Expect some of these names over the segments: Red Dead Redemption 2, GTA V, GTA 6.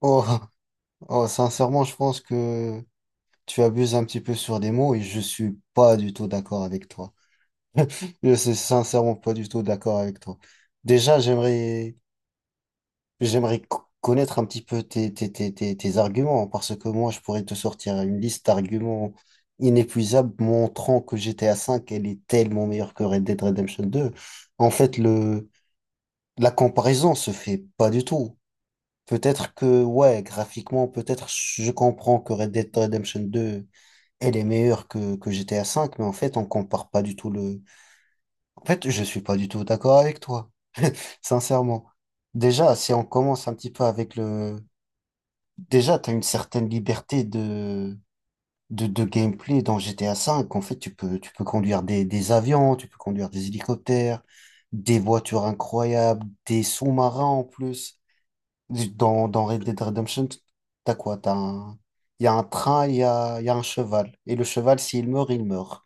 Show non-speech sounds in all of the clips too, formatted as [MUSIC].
Oh, [LAUGHS] oh, sincèrement, je pense que tu abuses un petit peu sur les mots et je suis pas du tout d'accord avec toi. [LAUGHS] Je suis sincèrement pas du tout d'accord avec toi. Déjà, j'aimerais connaître un petit peu tes arguments parce que moi, je pourrais te sortir une liste d'arguments inépuisables montrant que GTA V, elle est tellement meilleure que Red Dead Redemption 2. En fait, la comparaison se fait pas du tout. Peut-être que, ouais, graphiquement, peut-être je comprends que Red Dead Redemption 2, elle est meilleure que GTA V, mais en fait, on compare pas du tout le. En fait, je suis pas du tout d'accord avec toi, sincèrement. Déjà, si on commence un petit peu avec le. Déjà, t'as une certaine liberté de gameplay dans GTA V. En fait, tu peux conduire des avions, tu peux conduire des hélicoptères, des voitures incroyables, des sous-marins en plus. Dans Red Dead Redemption, t'as quoi? T'as un. Il y a un train, il y a un cheval. Et le cheval, s'il meurt, il meurt.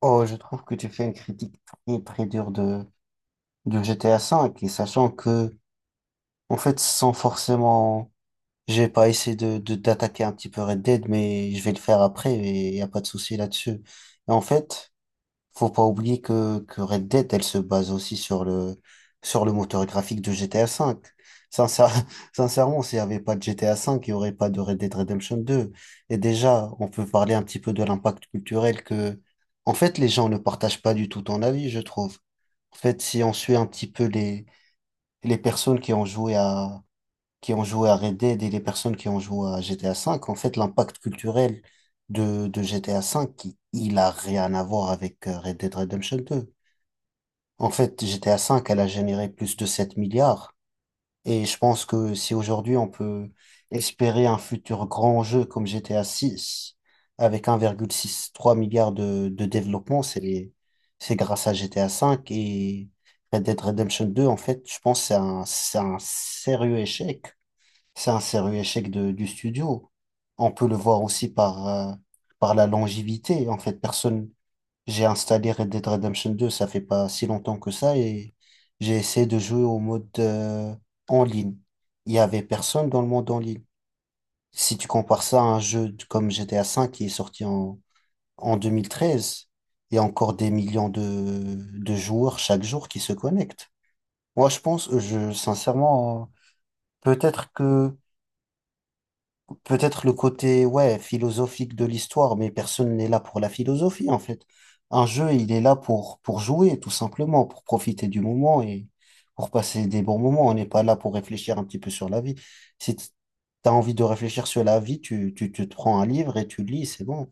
Oh, je trouve que tu fais une critique très très dure de GTA V. Et sachant que, en fait, sans forcément. J'ai pas essayé d'attaquer un petit peu Red Dead, mais je vais le faire après et y a pas de souci là-dessus. Et en fait. Faut pas oublier que Red Dead, elle se base aussi sur sur le moteur graphique de GTA V. Sincère- [LAUGHS] sincèrement, s'il n'y avait pas de GTA V, il n'y aurait pas de Red Dead Redemption 2. Et déjà, on peut parler un petit peu de l'impact culturel que, en fait, les gens ne partagent pas du tout ton avis, je trouve. En fait, si on suit un petit peu les personnes qui ont joué à, qui ont joué à Red Dead et les personnes qui ont joué à GTA V, en fait, l'impact culturel de GTA V, il a rien à voir avec Red Dead Redemption 2. En fait, GTA V, elle a généré plus de 7 milliards. Et je pense que si aujourd'hui on peut espérer un futur grand jeu comme GTA 6, avec 1,63 milliard de développement, c'est grâce à GTA V et Red Dead Redemption 2, en fait, je pense que c'est un sérieux échec. C'est un sérieux échec du studio. On peut le voir aussi par, par la longévité. En fait, personne, j'ai installé Red Dead Redemption 2, ça fait pas si longtemps que ça, et j'ai essayé de jouer au mode en ligne. Il y avait personne dans le monde en ligne. Si tu compares ça à un jeu comme GTA V qui est sorti en, en 2013, il y a encore des millions de joueurs chaque jour qui se connectent. Moi, je pense, je, sincèrement, peut-être que peut-être le côté ouais, philosophique de l'histoire, mais personne n'est là pour la philosophie en fait. Un jeu, il est là pour jouer, tout simplement, pour profiter du moment et pour passer des bons moments. On n'est pas là pour réfléchir un petit peu sur la vie. Si tu as envie de réfléchir sur la vie, tu te prends un livre et tu lis, c'est bon.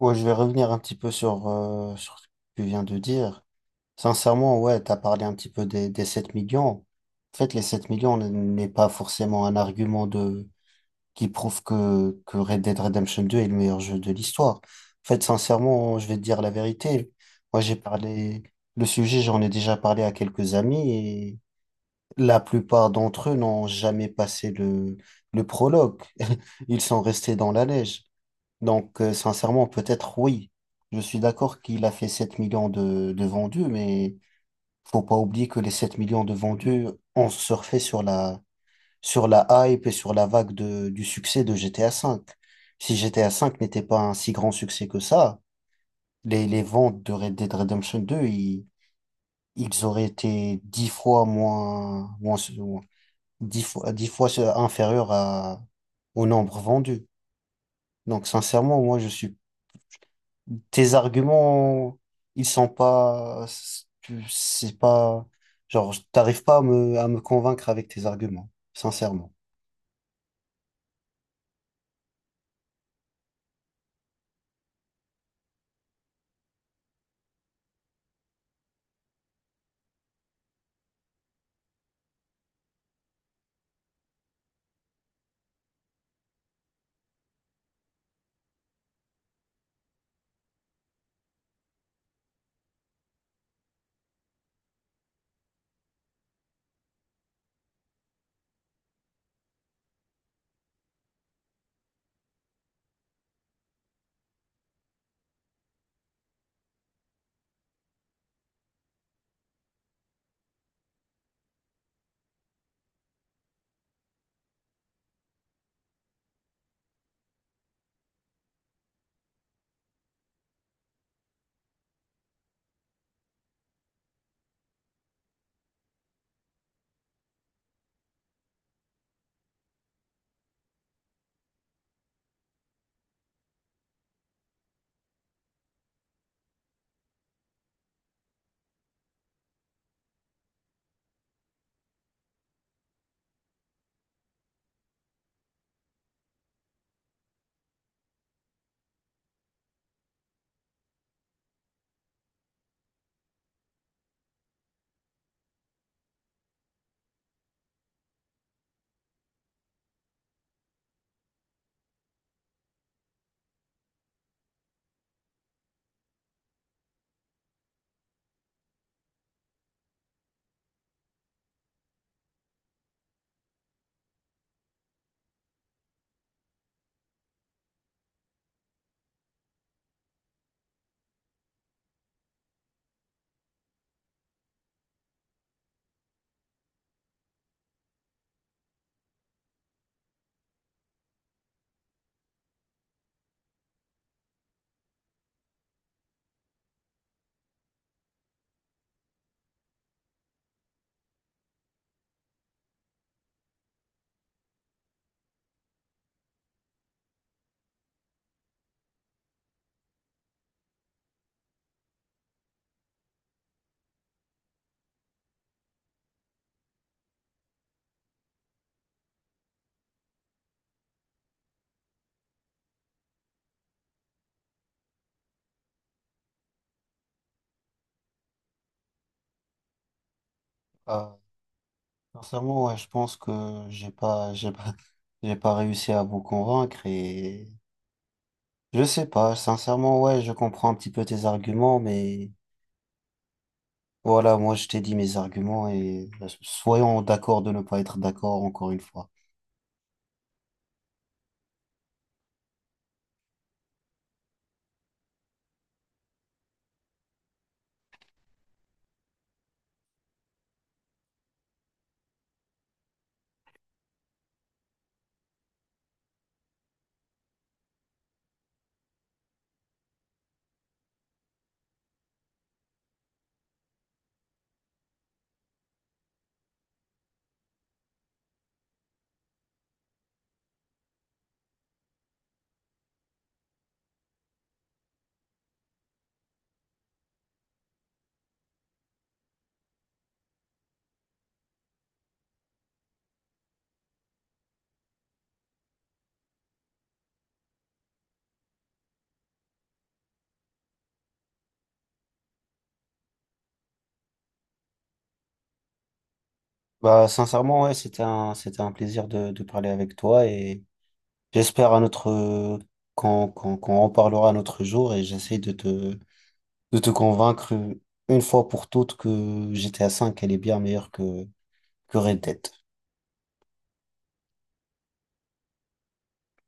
Ouais, je vais revenir un petit peu sur, sur ce que tu viens de dire. Sincèrement, ouais, t'as parlé un petit peu des 7 millions. En fait, les 7 millions n'est pas forcément un argument de qui prouve que Red Dead Redemption 2 est le meilleur jeu de l'histoire. En fait, sincèrement, je vais te dire la vérité. Moi, j'ai parlé, le sujet, j'en ai déjà parlé à quelques amis et la plupart d'entre eux n'ont jamais passé le prologue. [LAUGHS] Ils sont restés dans la neige. Donc, sincèrement, peut-être oui. Je suis d'accord qu'il a fait 7 millions de vendus, mais faut pas oublier que les 7 millions de vendus ont surfé sur sur la hype et sur la vague du succès de GTA V. Si GTA V n'était pas un si grand succès que ça, les ventes de Red Dead Redemption 2, ils auraient été dix fois moins, moins, moins- 10 fois inférieurs à, au nombre vendu. Donc, sincèrement, moi, je suis, tes arguments, ils sont pas, c'est pas, genre, t'arrives pas à me, convaincre avec tes arguments, sincèrement. Euh, Sincèrement, ouais, je pense que j'ai pas, [LAUGHS] j'ai pas réussi à vous convaincre et je sais pas, sincèrement, ouais, je comprends un petit peu tes arguments, mais voilà, moi je t'ai dit mes arguments et soyons d'accord de ne pas être d'accord encore une fois. Bah, sincèrement, ouais, c'était un plaisir de parler avec toi et j'espère à notre, qu'on en parlera un autre jour et j'essaie de te convaincre une fois pour toutes que GTA V elle est bien meilleure que Red Dead.